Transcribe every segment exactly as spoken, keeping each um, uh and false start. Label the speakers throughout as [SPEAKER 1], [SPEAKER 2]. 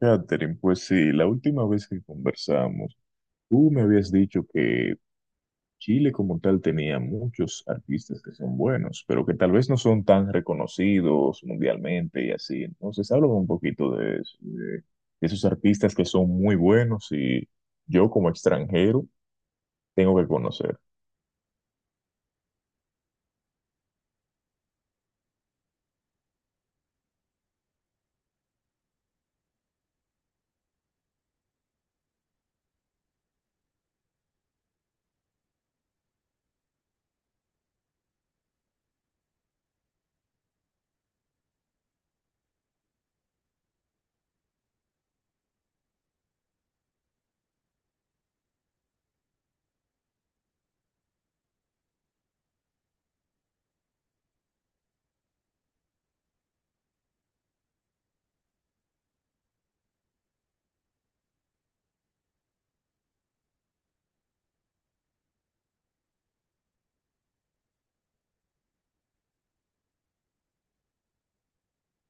[SPEAKER 1] Catherine, pues sí, la última vez que conversamos, tú me habías dicho que Chile como tal tenía muchos artistas que son buenos, pero que tal vez no son tan reconocidos mundialmente y así. Entonces, háblame un poquito de eso, de esos artistas que son muy buenos y yo como extranjero tengo que conocer.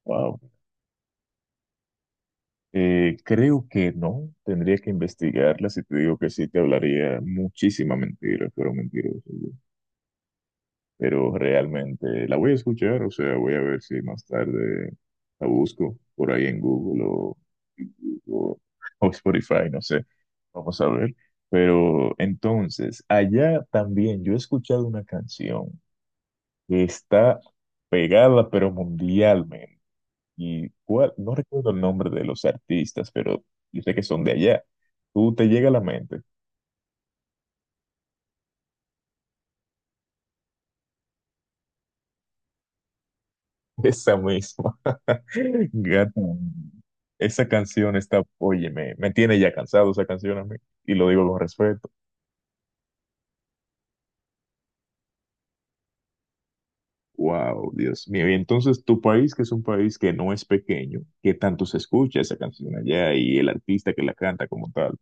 [SPEAKER 1] Wow. Eh, creo que no, tendría que investigarlas y te digo que sí te hablaría muchísima mentira, pero mentiroso. Pero realmente la voy a escuchar, o sea, voy a ver si más tarde la busco por ahí en Google o, o, o Spotify, no sé, vamos a ver. Pero entonces, allá también yo he escuchado una canción que está pegada, pero mundialmente. Y cuál, no recuerdo el nombre de los artistas, pero yo sé que son de allá. ¿Tú te llega a la mente? Esa misma. Gata. Esa canción está, oye, me, me tiene ya cansado esa canción a mí, y lo digo con respeto. Wow, Dios mío. Y entonces tu país, que es un país que no es pequeño, ¿qué tanto se escucha esa canción allá y el artista que la canta como tal?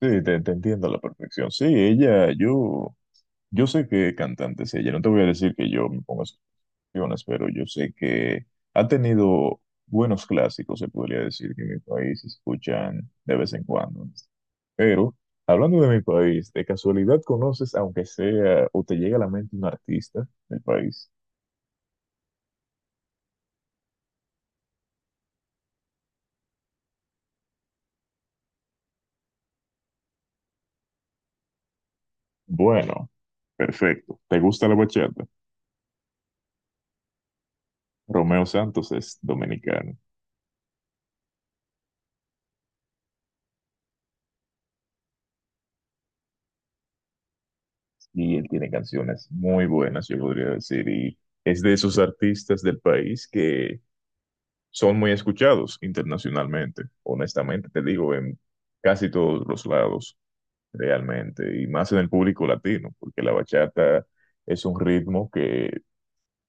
[SPEAKER 1] Sí, te, te entiendo a la perfección. Sí, ella, yo. Yo sé que cantante es ella, no te voy a decir que yo me pongo a sus canciones, pero yo sé que ha tenido buenos clásicos, se podría decir, que en mi país se escuchan de vez en cuando, ¿no? Pero, hablando de mi país, ¿de casualidad conoces, aunque sea, o te llega a la mente un artista del país? Bueno, perfecto. ¿Te gusta la bachata? Romeo Santos es dominicano y él tiene canciones muy buenas, yo podría decir, y es de esos artistas del país que son muy escuchados internacionalmente, honestamente, te digo, en casi todos los lados, realmente, y más en el público latino, porque la bachata es un ritmo que,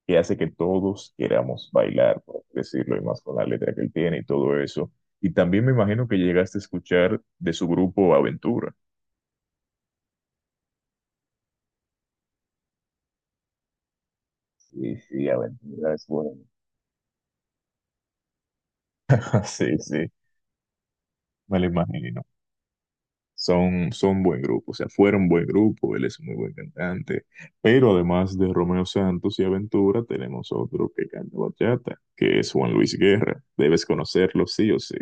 [SPEAKER 1] que hace que todos queramos bailar, por así decirlo, y más con la letra que él tiene y todo eso. Y también me imagino que llegaste a escuchar de su grupo Aventura. Sí, sí, aventura es bueno. Sí, sí, me lo imagino. Son, son buen grupo, o sea, fueron buen grupo, él es muy buen cantante, pero además de Romeo Santos y Aventura, tenemos otro que canta bachata, que es Juan Luis Guerra, debes conocerlo sí o sí.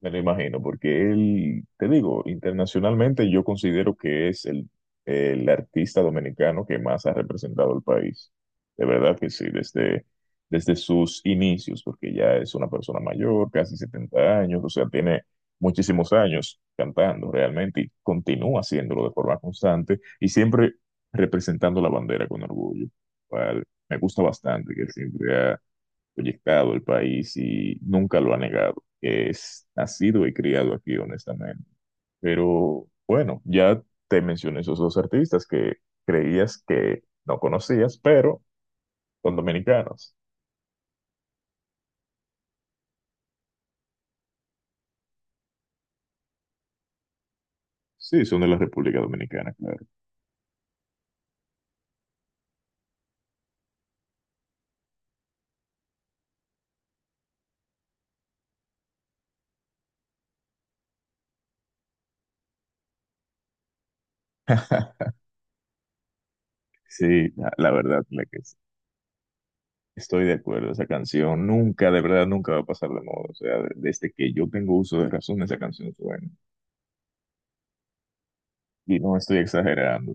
[SPEAKER 1] Me lo imagino, porque él, te digo, internacionalmente yo considero que es el, el artista dominicano que más ha representado al país. De verdad que sí, desde, desde sus inicios, porque ya es una persona mayor, casi setenta años, o sea, tiene muchísimos años cantando realmente y continúa haciéndolo de forma constante y siempre representando la bandera con orgullo. Cual me gusta bastante que siempre ha proyectado el país y nunca lo ha negado. Es nacido y criado aquí, honestamente. Pero bueno, ya te mencioné esos dos artistas que creías que no conocías, pero son dominicanos. Sí, son de la República Dominicana, claro. Sí, la, la verdad, la que es... estoy de acuerdo. Esa canción nunca, de verdad, nunca va a pasar de moda. O sea, de- desde que yo tengo uso de razón, esa canción suena. Y no estoy exagerando.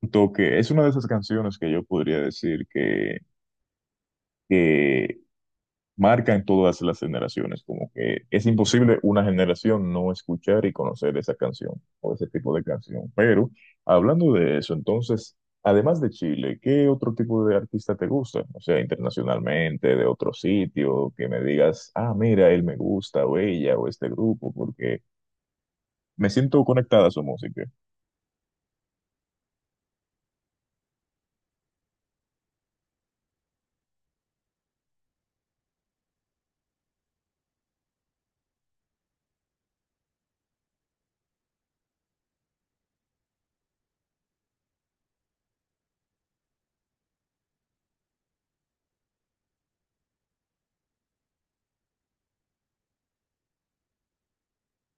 [SPEAKER 1] Tanto que es una de esas canciones que yo podría decir que que marcan todas las generaciones, como que es imposible una generación no escuchar y conocer esa canción o ese tipo de canción. Pero hablando de eso, entonces, además de Chile, ¿qué otro tipo de artista te gusta? O sea, internacionalmente, de otro sitio, que me digas, ah, mira, él me gusta o ella o este grupo, porque me siento conectada a su música.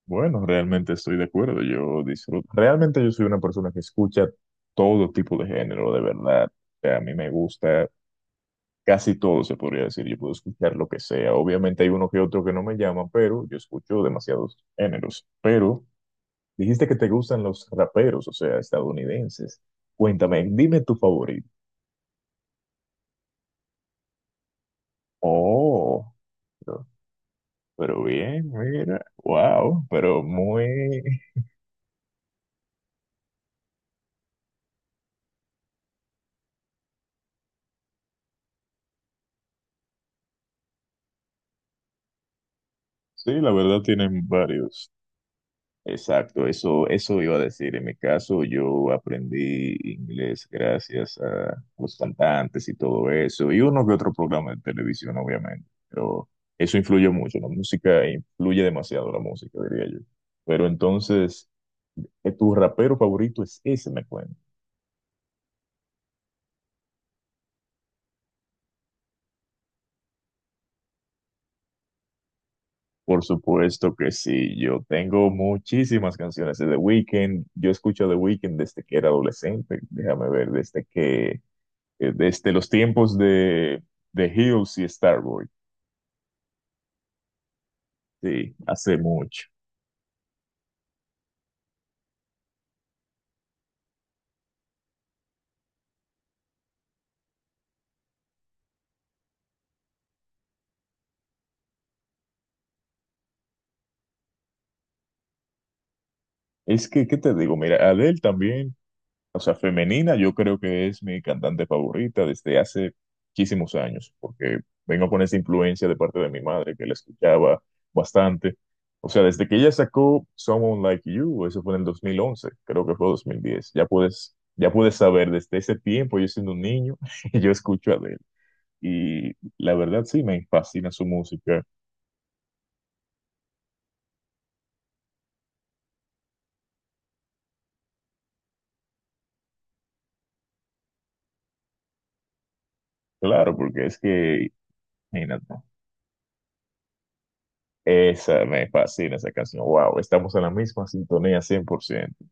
[SPEAKER 1] Bueno, realmente estoy de acuerdo, yo disfruto. Realmente yo soy una persona que escucha todo tipo de género, de verdad. O sea, a mí me gusta casi todo, se podría decir. Yo puedo escuchar lo que sea. Obviamente hay uno que otro que no me llama, pero yo escucho demasiados géneros. Pero dijiste que te gustan los raperos, o sea, estadounidenses. Cuéntame, dime tu favorito. Oh, pero pero bien, mira, wow, pero muy... Sí, la verdad tienen varios. Exacto, eso, eso iba a decir. En mi caso, yo aprendí inglés gracias a los cantantes y todo eso, y uno que otro programa de televisión, obviamente. Pero eso influye mucho, la música influye demasiado, la música, diría yo. Pero entonces, ¿eh, ¿tu rapero favorito es ese, me cuento? Por supuesto que sí, yo tengo muchísimas canciones de The Weeknd. Yo escucho a The Weeknd desde que era adolescente, déjame ver, desde que eh, desde los tiempos de, de Hills y Starboy. Sí, hace mucho. Es que, ¿qué te digo? Mira, Adele también, o sea, femenina, yo creo que es mi cantante favorita desde hace muchísimos años, porque vengo con esa influencia de parte de mi madre, que la escuchaba bastante. O sea, desde que ella sacó Someone Like You, eso fue en el dos mil once, creo que fue dos mil diez. Ya puedes, ya puedes saber, desde ese tiempo, yo siendo un niño, yo escucho a Adele. Y la verdad sí, me fascina su música. Claro, porque es que, imagínate, esa me fascina esa canción. Wow, estamos en la misma sintonía cien por ciento.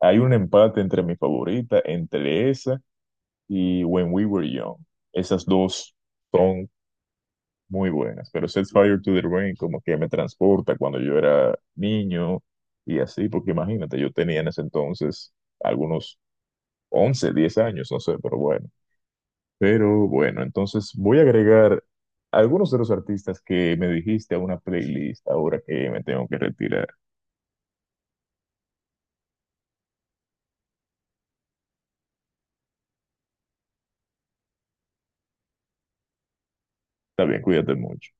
[SPEAKER 1] Hay un empate entre mi favorita, entre esa y When We Were Young. Esas dos son muy buenas, pero Set Fire to the Rain como que me transporta cuando yo era niño y así, porque imagínate, yo tenía en ese entonces algunos once, diez años, no sé, pero bueno. Pero bueno, entonces voy a agregar algunos de los artistas que me dijiste a una playlist ahora que me tengo que retirar. Está bien, cuídate mucho.